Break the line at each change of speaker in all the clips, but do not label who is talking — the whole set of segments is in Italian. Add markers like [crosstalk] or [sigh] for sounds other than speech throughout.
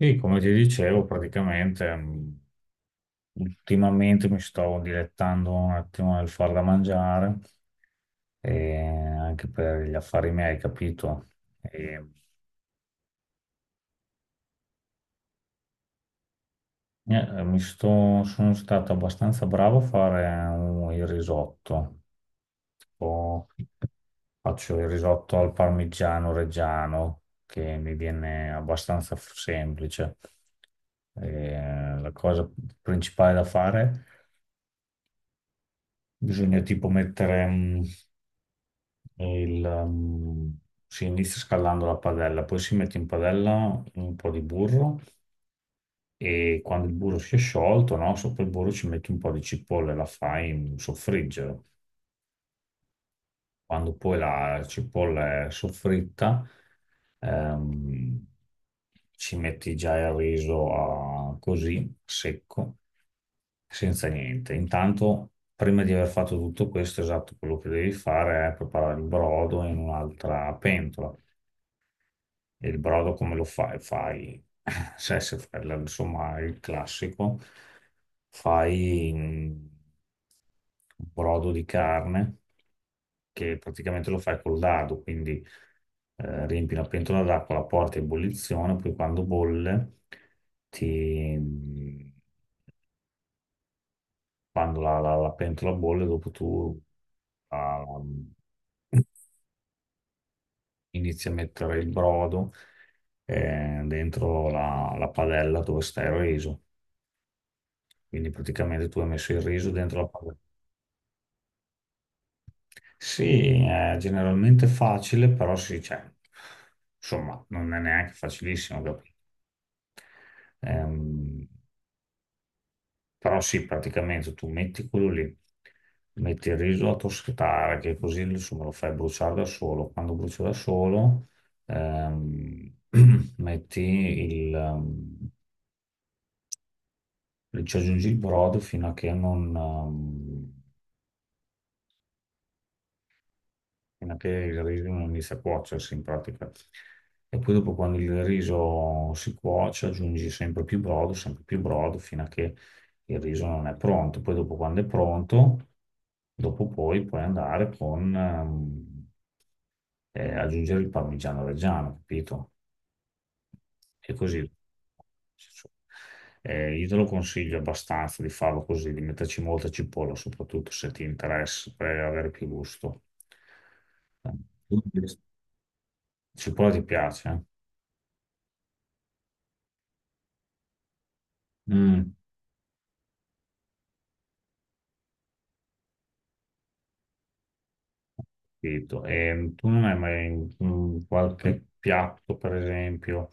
Sì, come ti dicevo, praticamente ultimamente mi sto dilettando un attimo nel far da mangiare, e anche per gli affari miei, capito? E, Sono stato abbastanza bravo a fare il risotto. Tipo, faccio il risotto al parmigiano reggiano, che mi viene abbastanza semplice. E la cosa principale da fare, bisogna tipo mettere il... mm, si inizia scaldando la padella, poi si mette in padella un po' di burro e quando il burro si è sciolto, no, sopra il burro ci metti un po' di cipolla e la fai soffriggere. Quando poi la cipolla è soffritta, ehm, ci metti già il riso così, secco, senza niente. Intanto, prima di aver fatto tutto questo, esatto, quello che devi fare è preparare il brodo in un'altra pentola. E il brodo come lo fai? Fai, [laughs] se, se fai, insomma, il classico, fai un brodo di carne che praticamente lo fai col dado, quindi riempi una pentola d'acqua, la porti a ebollizione, poi quando bolle ti mm, quando la pentola bolle, dopo tu ah, inizi a mettere il brodo, dentro la padella dove sta il riso. Quindi praticamente tu hai messo il riso dentro la padella. Sì, è generalmente facile, però sì, cioè, insomma, non è neanche facilissimo, capito? Ehm, Però sì, praticamente tu metti quello lì, metti il riso a toscatare, che così insomma lo fai bruciare da solo. Quando brucia da solo, ehm, [clears throat] metti il, ci aggiungi il brodo fino a che non, fino a che il riso non inizia a cuocersi in pratica. E poi dopo quando il riso si cuoce aggiungi sempre più brodo, fino a che il riso non è pronto. Poi dopo quando è pronto, dopo poi puoi andare con aggiungere il parmigiano reggiano, capito? E così. Io te lo consiglio abbastanza di farlo così, di metterci molta cipolla, soprattutto se ti interessa, per avere più gusto. Cipolla ti piace? Eh? Mm, capito. E tu non hai mai qualche piatto, per esempio,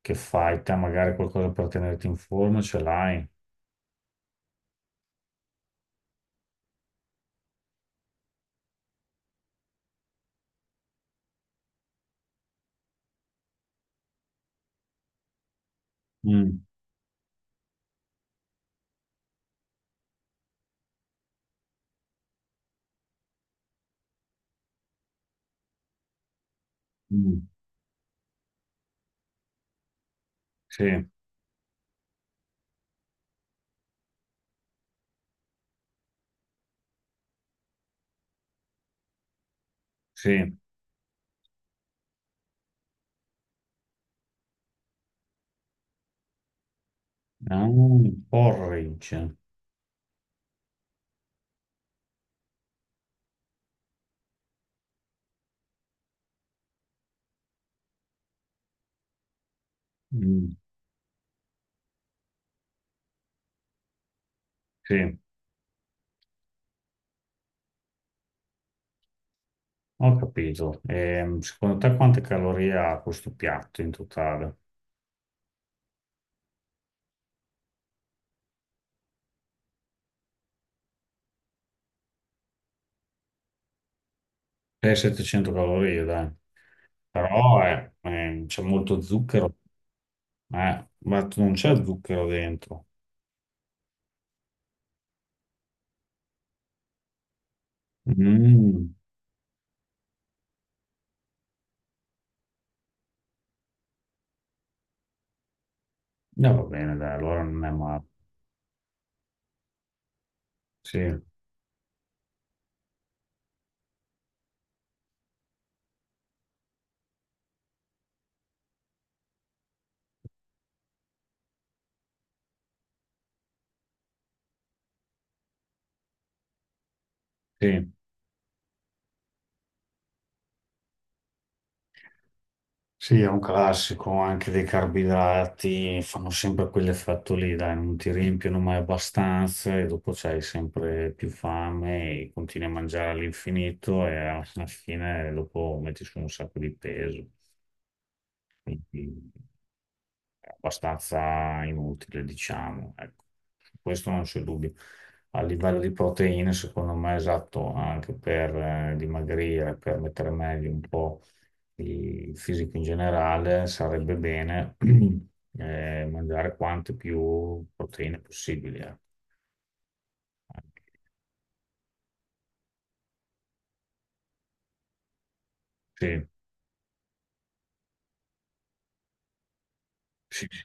che fai te, magari qualcosa per tenerti in forma, ce l'hai? Mm, mm, sì, sì. Ah, porridge. Mm, sì, ho capito. Secondo te quante calorie ha questo piatto in totale? 600-700 calorie, dai. Però c'è molto zucchero, ma non c'è zucchero dentro. Mm. No, va bene, dai, allora non è male. Sì, sì. Sì, è un classico, anche dei carboidrati fanno sempre quell'effetto lì, dai, non ti riempiono mai abbastanza e dopo c'hai sempre più fame e continui a mangiare all'infinito e alla fine dopo metti su un sacco di peso, quindi è abbastanza inutile, diciamo, ecco. Su questo non c'è dubbio. A livello di proteine, secondo me è esatto anche per dimagrire, per mettere meglio un po' di fisico in generale, sarebbe bene [clears throat] mangiare quante più proteine possibili. Eh. Sì, sì, sì.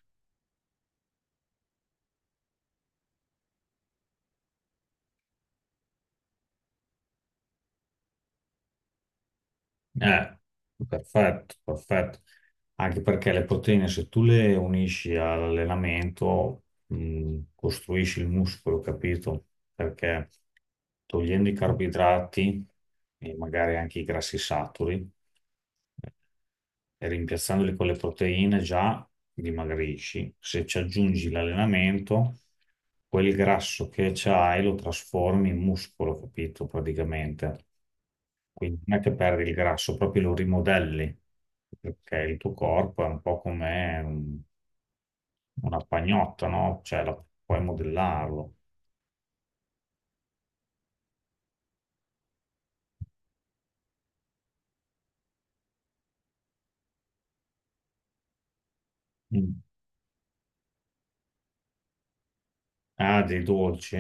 Eh, perfetto, perfetto. Anche perché le proteine, se tu le unisci all'allenamento, costruisci il muscolo, capito? Perché togliendo i carboidrati e magari anche i grassi saturi eh, e rimpiazzandoli con le proteine già dimagrisci. Se ci aggiungi l'allenamento, quel grasso che c'hai lo trasformi in muscolo, capito? Praticamente. Quindi non è che perdi il grasso, proprio lo rimodelli, perché il tuo corpo è un po' come una pagnotta, no? Cioè, puoi modellarlo. Mm. Ah, dei dolci?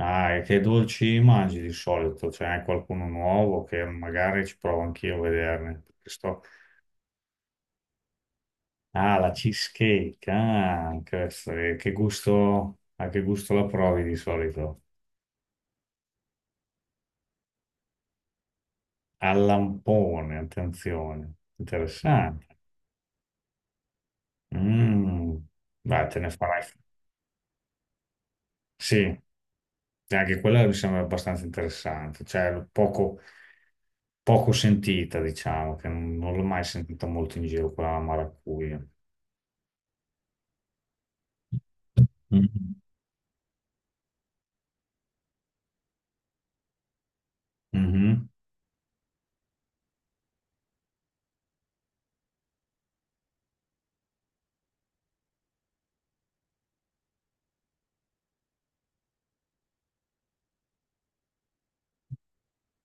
Ah, e che dolci mangi di solito? C'è anche qualcuno nuovo che magari ci provo anch'io a vederne. Perché ah, la cheesecake, ah, questo, che gusto, a che gusto la provi di solito? Al lampone, attenzione, interessante. Mm. Beh, te ne farai. Sì, e anche quella mi sembra abbastanza interessante, cioè poco, poco sentita, diciamo, che non l'ho mai sentita molto in giro, quella alla maracuja. Mm. Mhm.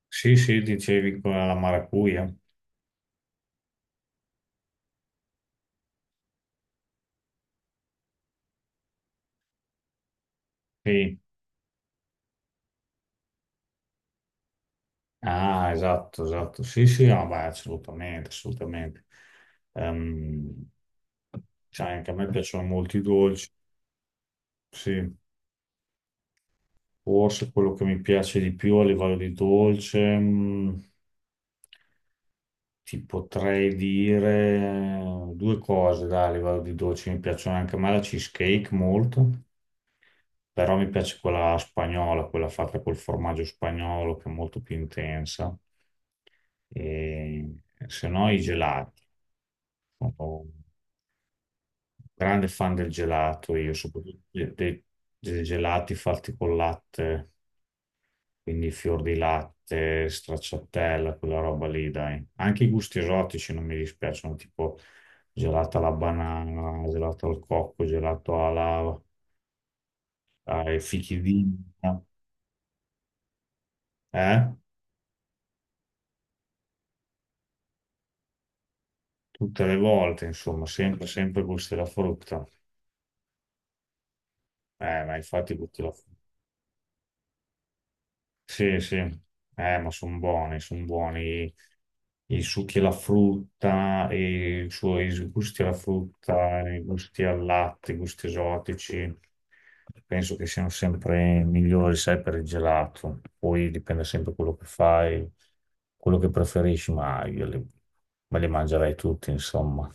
Sì, sì, dicevi quella alla maracuja. Sì. Ah, esatto, esatto. Sì, sì, ah, beh, assolutamente, assolutamente. Ehm, cioè, anche a me piacciono molto i dolci, sì. Forse quello che mi piace di più a livello di dolce, ti potrei dire 2 cose, dai, a livello di dolci, mi piacciono anche a me la cheesecake molto, però mi piace quella spagnola, quella fatta col formaggio spagnolo che è molto più intensa. E se no i gelati, sono un grande fan del gelato, io soprattutto dei gelati fatti col latte. Quindi fior di latte, stracciatella, quella roba lì, dai. Anche i gusti esotici non mi dispiacciono, tipo gelato alla banana, gelato al cocco, gelato alla, ai fichi di eh? Tutte le volte, insomma, sempre, sempre gusti della frutta. Ma infatti gusti della frutta. Sì, sì, ma sono buoni i succhi alla frutta, e i suoi gusti alla frutta, i gusti al latte, i gusti esotici. Penso che siano sempre migliori, sai, per il gelato. Poi dipende sempre quello che fai, quello che preferisci, ma io me li mangerei tutti, insomma.